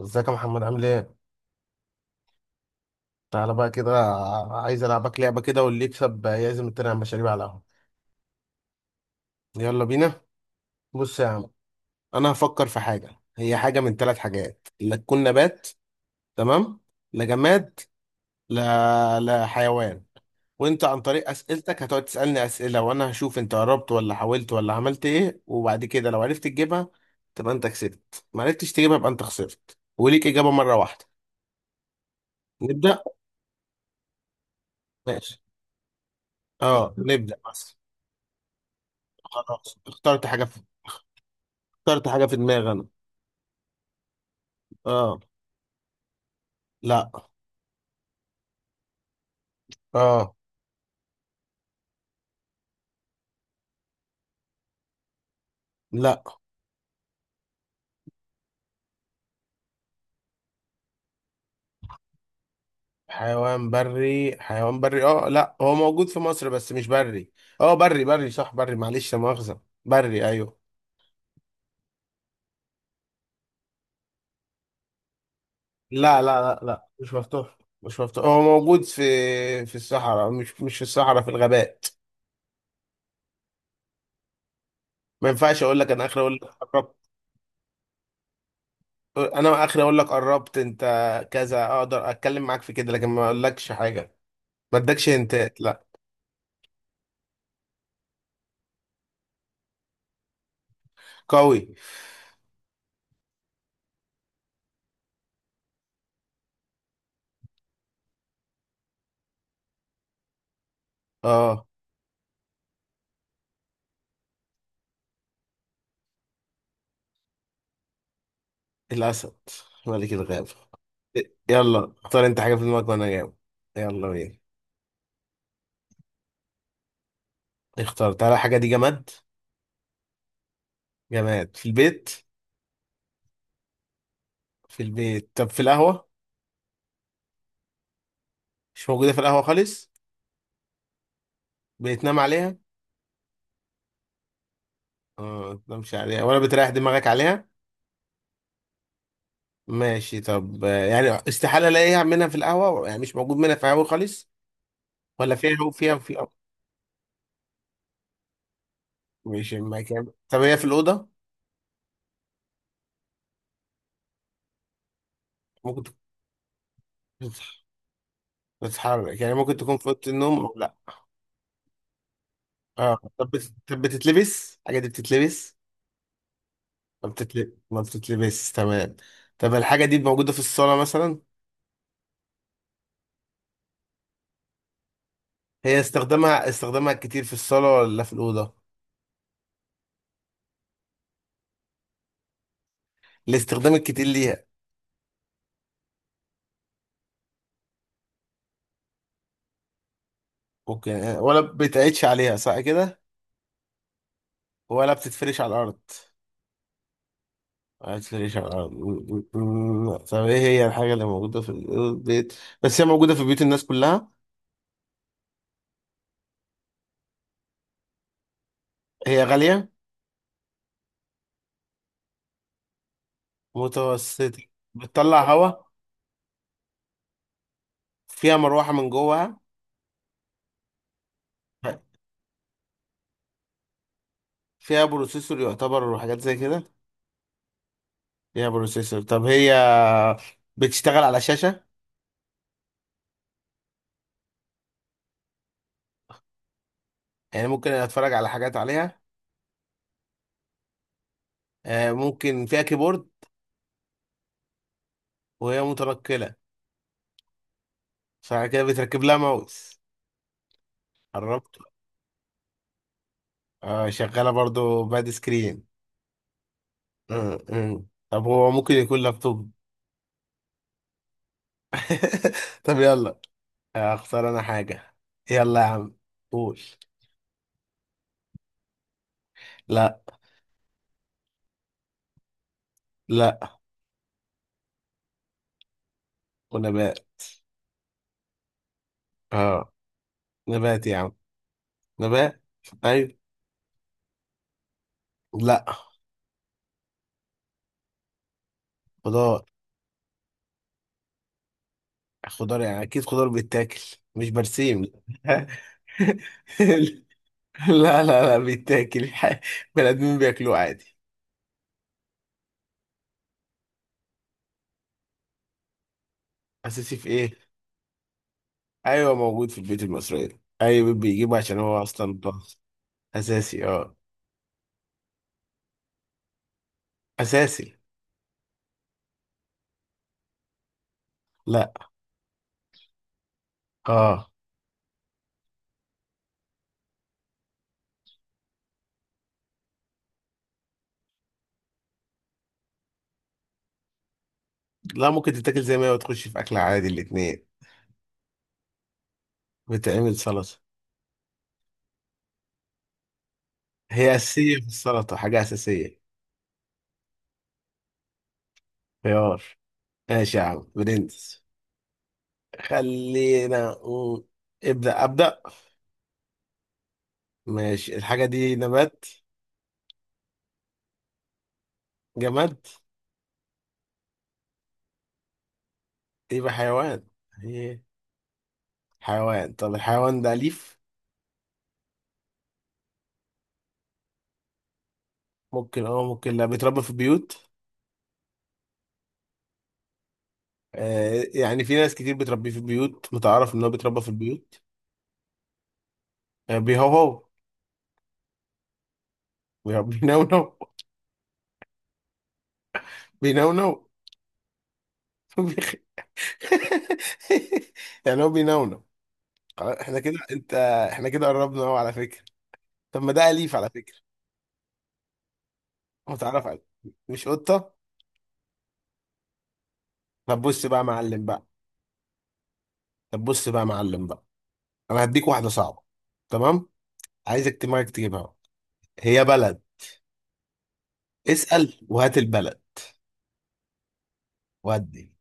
ازيك يا محمد عامل ايه؟ تعالى بقى كده. عايز العبك لعبة كده واللي يكسب يعزم التاني على المشاريب على القهوة. يلا بينا. بص يا عم. انا هفكر في حاجة. هي حاجة من ثلاث حاجات، لا تكون نبات، تمام، لا جماد، لا لا حيوان. وانت عن طريق اسئلتك هتقعد تسألني اسئلة، وانا هشوف انت قربت ولا حاولت ولا عملت ايه، وبعد كده لو عرفت تجيبها تبقى انت كسبت، ما عرفتش تجيبها يبقى انت خسرت، وليك اجابة مرة واحدة. نبدأ. ماشي، اه نبدأ بس. خلاص اخترت حاجة في دماغي أنا. آه. لا. اه. لا. حيوان بري، لا، هو موجود في مصر بس مش بري. اه، بري، صح، بري، معلش، لا مؤاخذة، بري، ايوه. لا، مش مفتوح، هو موجود في الصحراء، مش في الصحراء، في الغابات. ما ينفعش اقول لك انا اخر، اقول لك قربت. انا اخر اقول لك قربت انت. كذا اقدر اتكلم معاك في كده، لكن ما اقولكش حاجة. ما ادكش انت لا. قوي. اه. الاسد، ملك الغابة. يلا اختار انت حاجة في دماغك وانا جاوب. يلا بينا. اختار تعالى، الحاجة دي جماد. جماد في البيت. في البيت، طب في القهوة. مش موجودة في القهوة خالص. بتنام عليها. اه. ما بتنامش عليها، ولا بتريح دماغك عليها. ماشي. طب يعني استحالة الاقيها منها في القهوة؟ يعني مش موجود منها في القهوة خالص؟ ولا فيها في. مش المكان. طب هي في الأوضة. ممكن تكون بتتحرك، يعني ممكن تكون في أوضة النوم أو لا. اه. طب بتتلبس الحاجة دي؟ بتتلبس؟ ما بتتلبس، تمام. طب الحاجة دي موجودة في الصالة مثلا؟ هي استخدامها، الكتير في الصالة ولا في الأوضة؟ الاستخدام الكتير ليها. ممكن. ولا بتعيدش عليها، صح كده؟ ولا بتتفرش على الأرض؟ ما بتتفرش على الأرض. طب إيه هي الحاجة اللي موجودة في البيت بس هي موجودة في بيوت الناس كلها؟ هي غالية؟ متوسطة. بتطلع هوا؟ فيها مروحة من جوه؟ فيها بروسيسور يعتبر، وحاجات زي كده؟ فيها بروسيسور. طب هي بتشتغل على شاشة؟ يعني ممكن اتفرج على حاجات عليها؟ ممكن فيها كيبورد؟ وهي متنقلة؟ فعلى كده بتركب لها ماوس. قربت. شغالة برضو باد سكرين. آه، آه. طب هو ممكن يكون لابتوب؟ طب يلا، اختار انا حاجة. يلا يا عم، قول. لا. لا. ونبات. اه. نبات يا عم. نبات. ايوه. لا. خضار. خضار، يعني اكيد خضار بيتاكل، مش برسيم. لا لا لا، بيتاكل. بني ادمين بياكلوه عادي. اساسي في ايه؟ ايوه، موجود في البيوت المصريه، اي بيت بيجيبه عشان هو اصلا بلاس. اساسي، اه. اساسي. لا. اه. لا، ممكن تتاكل زي ما هي وتخش في اكل عادي، الاتنين. بتعمل سلطه. هي اساسيه في السلطه، حاجه اساسيه. خيار. ماشي يا عم برنس. خلينا نقول- ابدا ابدا. ماشي، الحاجه دي نبات؟ جماد؟ إيه، يبقى حيوان. هي. حيوان. طب الحيوان ده أليف؟ ممكن اه ممكن لا. بيتربى في البيوت؟ آه، يعني في ناس كتير بتربيه في البيوت، متعرف ان هو بيتربى في البيوت. آه، بيهوهو؟ بينونو؟ بينونو. بيخ- يعني هو بينونو. خلاص، احنا كده، انت. احنا كده قربنا اهو على فكرة. طب ما ده أليف على فكرة. متعرف عليه. مش قطة؟ طب بص بقى يا معلم بقى، طب بص بقى يا معلم بقى انا هديك واحدة صعبة، تمام؟ عايزك دماغك تجيبها. هي بلد. اسأل وهات البلد. ودي.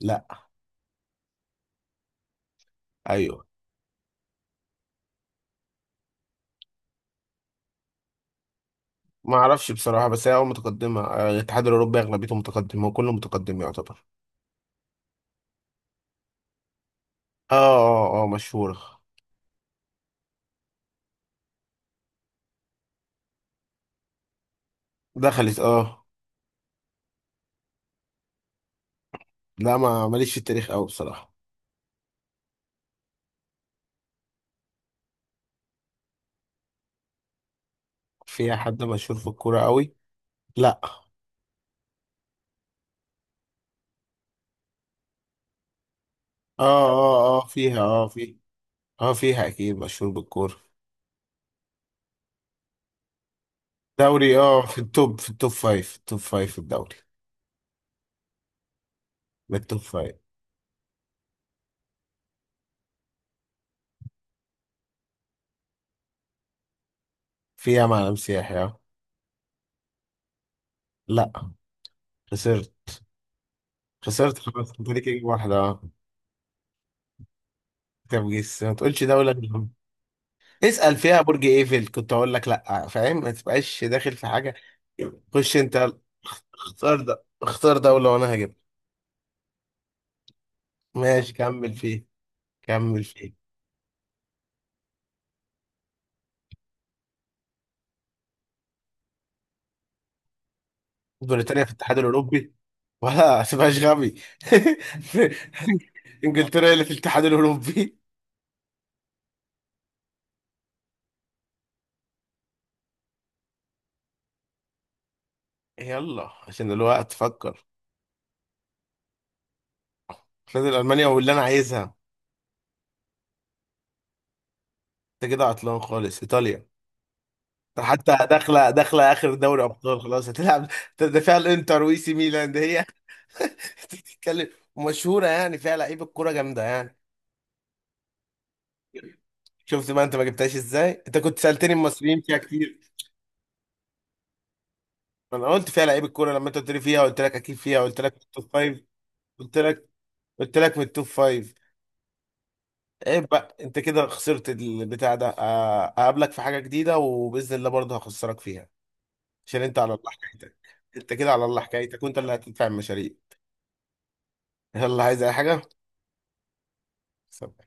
لا. ايوه. ما اعرفش بصراحة، بس هي متقدمة. الاتحاد الاوروبي اغلبيته متقدمة، وكله متقدم يعتبر. اه، مشهورة. دخلت، اه. لا، ما ماليش في التاريخ قوي بصراحة. فيها حد مشهور في الكورة قوي؟ لا، اه. فيها، فيها. اه، فيها اكيد مشهور بالكورة. دوري، اه، في التوب، في التوب فايف في الدوري. من التوب فايف. فيها معلم سياحي، اه. لا. خسرت. خسرت خلاص. انت ليك إجابة واحدة، اه. طب جيس، ما تقولش دولة غيرهم. اسأل فيها برج ايفل، كنت اقول لك لا، فاهم؟ ما تبقاش داخل في حاجة. خش انت. اختار دولة وانا هجيب. ماشي، كمل فيه. كمل فيه. بريطانيا في الاتحاد الاوروبي؟ ولا ما تبقاش غبي. انجلترا اللي في الاتحاد الاوروبي! يلا، عشان الوقت، فكر. فاضل المانيا واللي انا عايزها. انت كده عطلان خالص. ايطاليا. حتى داخله اخر دوري ابطال، خلاص هتلعب. ده فيها الانتر وإي سي ميلان، ده هي. بتتكلم. ومشهوره، يعني فيها لعيبه كوره جامده يعني. شفت بقى انت ما جبتهاش ازاي؟ انت كنت سالتني المصريين فيها كتير. انا قلت فيها لعيبه كوره لما انت قلت لي فيها، قلت لك اكيد فيها، قلت لك من التوب فايف. قلت لك، قلت لك من التوب فايف. ايه بقى، انت كده خسرت البتاع ده. اقابلك في حاجه جديده، وباذن الله برضه هخسرك فيها، عشان انت على الله حكايتك. انت كده على الله حكايتك، وانت اللي هتدفع المشاريع. يلا، عايز اي حاجه؟ سب